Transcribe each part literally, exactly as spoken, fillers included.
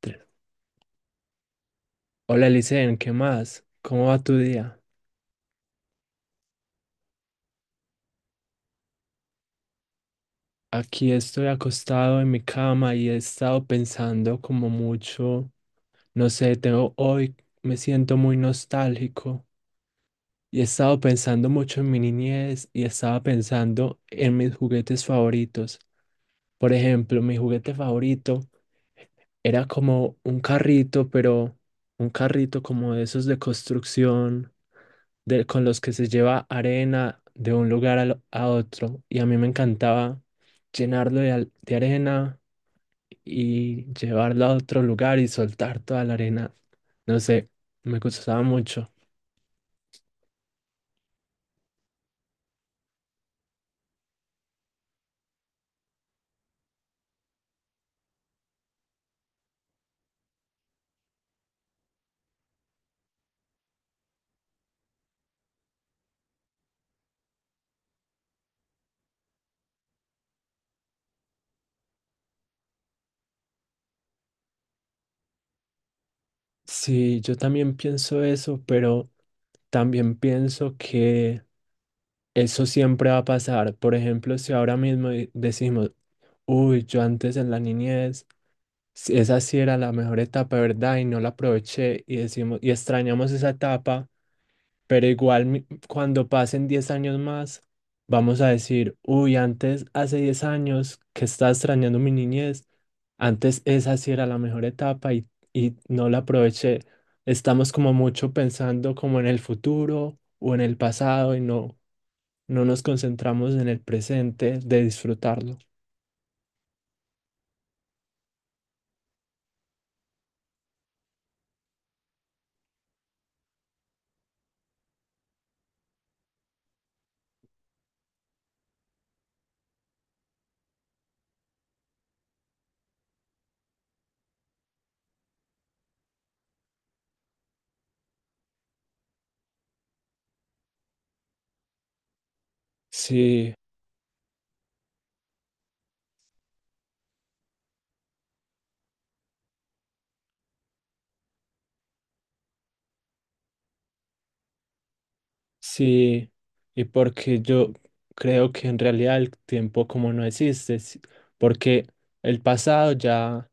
Tres. Hola, Licen, ¿qué más? ¿Cómo va tu día? Aquí estoy acostado en mi cama y he estado pensando como mucho, no sé, tengo hoy me siento muy nostálgico y he estado pensando mucho en mi niñez y estaba pensando en mis juguetes favoritos. Por ejemplo, mi juguete favorito era como un carrito, pero un carrito como de esos de construcción, de, con los que se lleva arena de un lugar al- a otro. Y a mí me encantaba llenarlo de, al- de arena y llevarlo a otro lugar y soltar toda la arena. No sé, me gustaba mucho. Sí, yo también pienso eso, pero también pienso que eso siempre va a pasar. Por ejemplo, si ahora mismo i- decimos, uy, yo antes en la niñez sí, esa sí era la mejor etapa, ¿verdad? Y no la aproveché y decimos, y extrañamos esa etapa, pero igual mi- cuando pasen diez años más, vamos a decir, uy, antes, hace diez años que estaba extrañando mi niñez, antes esa sí era la mejor etapa y, y no la aproveché. Estamos como mucho pensando como en el futuro o en el pasado y no, no nos concentramos en el presente de disfrutarlo. Sí. Sí, y porque yo creo que en realidad el tiempo como no existe, s- porque el pasado ya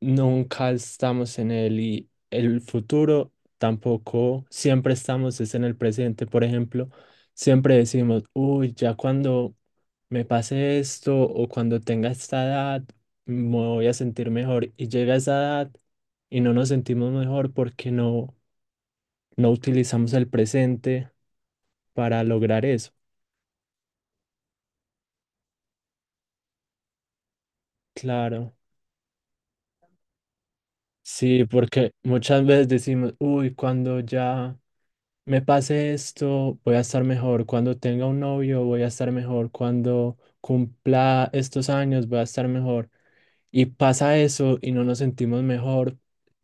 nunca estamos en él y el futuro tampoco, siempre estamos es en el presente. Por ejemplo, siempre decimos, uy, ya cuando me pase esto o cuando tenga esta edad, me voy a sentir mejor. Y llega esa edad y no nos sentimos mejor porque no, no utilizamos el presente para lograr eso. Claro, sí, porque muchas veces decimos, uy, cuando ya me pase esto, voy a estar mejor, cuando tenga un novio, voy a estar mejor, cuando cumpla estos años, voy a estar mejor. Y pasa eso y no nos sentimos mejor,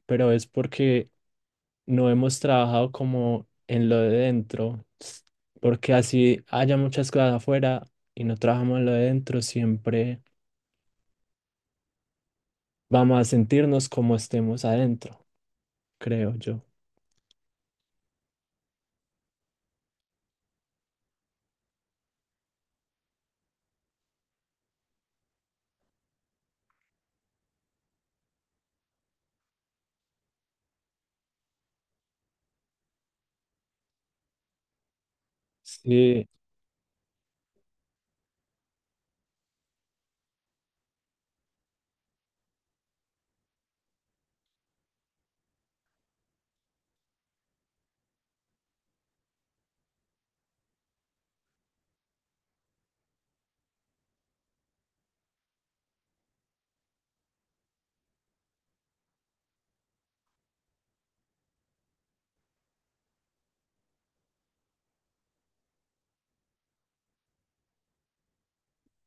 pero es porque no hemos trabajado como en lo de dentro, s- porque así haya muchas cosas afuera y no trabajamos en lo de dentro, siempre vamos a sentirnos como estemos adentro, creo yo. Sí.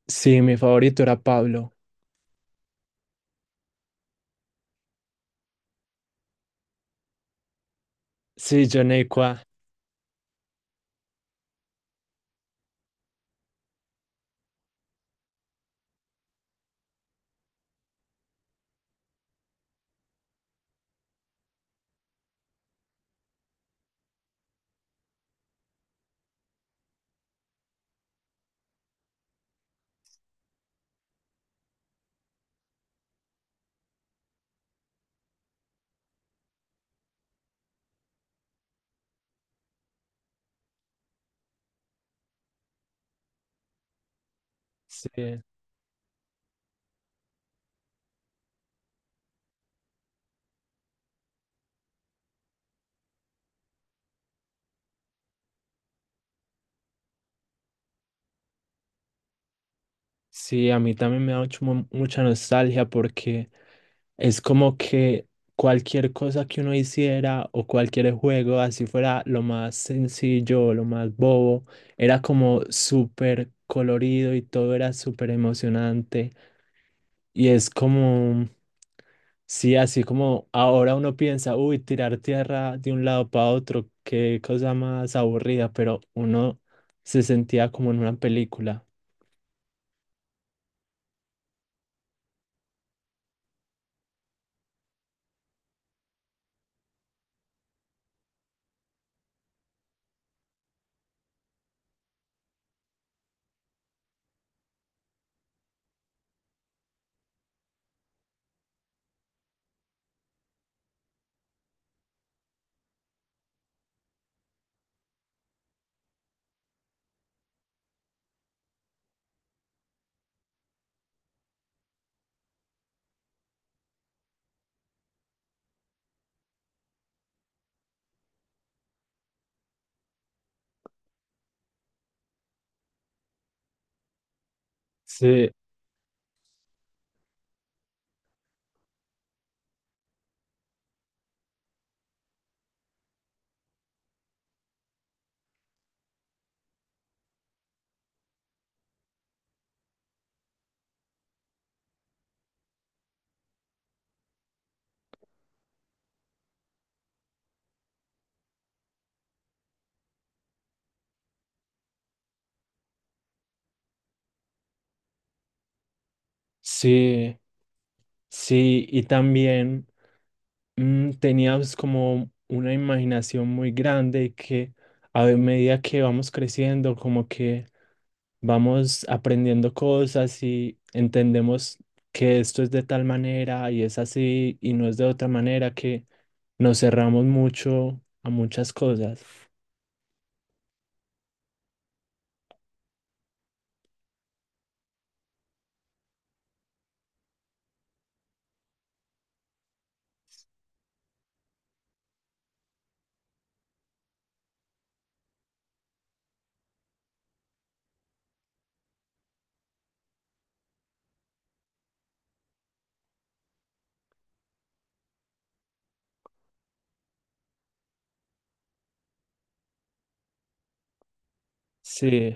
Sí, mi favorito era Pablo. Sí, Jonecua. Sí, sí, a mí también me da mucho- mu- mucha nostalgia porque es como que cualquier cosa que uno hiciera o cualquier juego, así fuera lo más sencillo o lo más bobo, era como súper colorido y todo era súper emocionante. Y es como, sí, así como ahora uno piensa, uy, tirar tierra de un lado para otro, qué cosa más aburrida, pero uno se sentía como en una película. Sí. Sí, sí, y también, mm, tenía pues, como una imaginación muy grande y que a medida que vamos creciendo, como que vamos aprendiendo cosas y entendemos que esto es de tal manera y es así y no es de otra manera, que nos cerramos mucho a muchas cosas. Sí.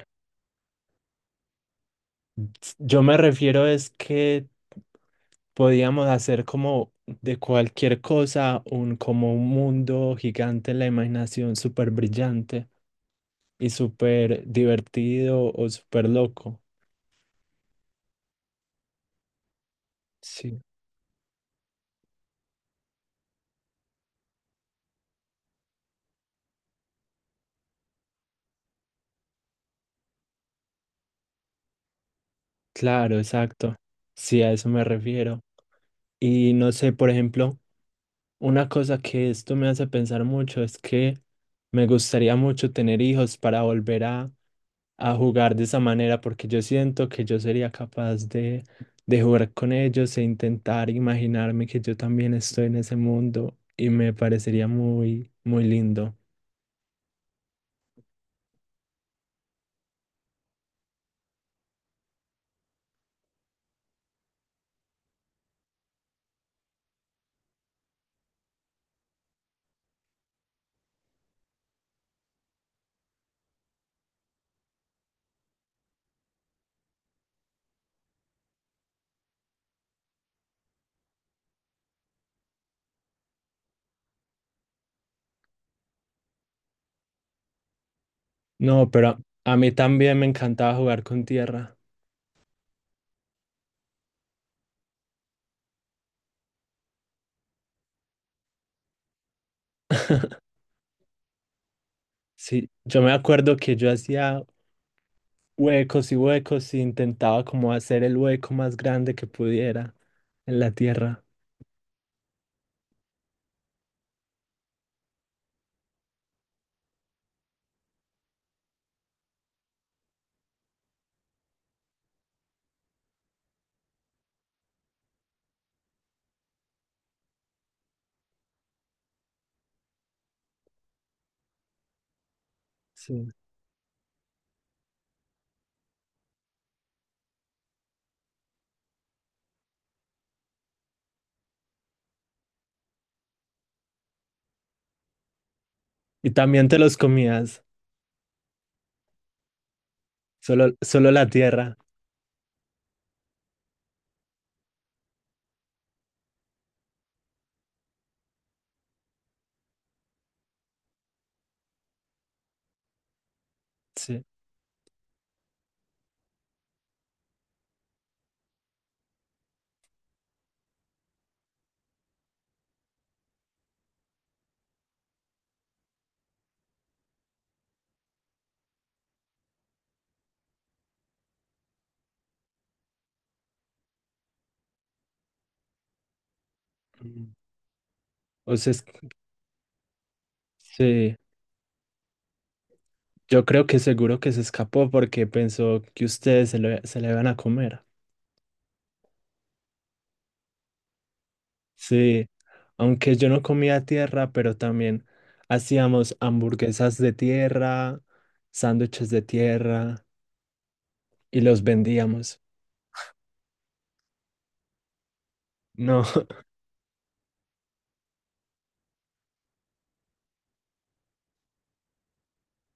Yo me refiero es que podíamos hacer como de cualquier cosa un como un mundo gigante en la imaginación súper brillante y súper divertido o súper loco. Sí. Claro, exacto. Sí, a eso me refiero. Y no sé, por ejemplo, una cosa que esto me hace pensar mucho es que me gustaría mucho tener hijos para volver a a jugar de esa manera porque yo siento que yo sería capaz de, de jugar con ellos e intentar imaginarme que yo también estoy en ese mundo y me parecería muy, muy lindo. No, pero a mí también me encantaba jugar con tierra. Sí, yo me acuerdo que yo hacía huecos y huecos y intentaba como hacer el hueco más grande que pudiera en la tierra. Sí. Y también te los comías, solo, solo la tierra. Sí. O sea, es- sí, yo creo que seguro que se escapó porque pensó que ustedes se lo, se la iban a comer. Sí, aunque yo no comía tierra, pero también hacíamos hamburguesas de tierra, sándwiches de tierra y los vendíamos. No.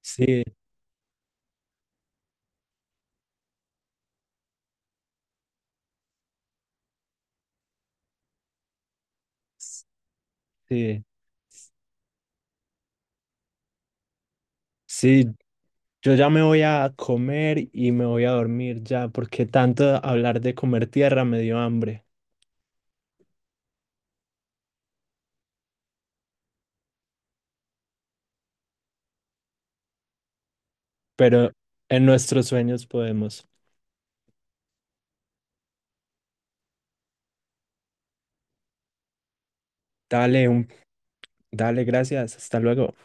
Sí, sí, sí, yo ya me voy a comer y me voy a dormir ya porque tanto hablar de comer tierra me dio hambre, pero en nuestros sueños podemos. Dale un Dale, gracias. Hasta luego.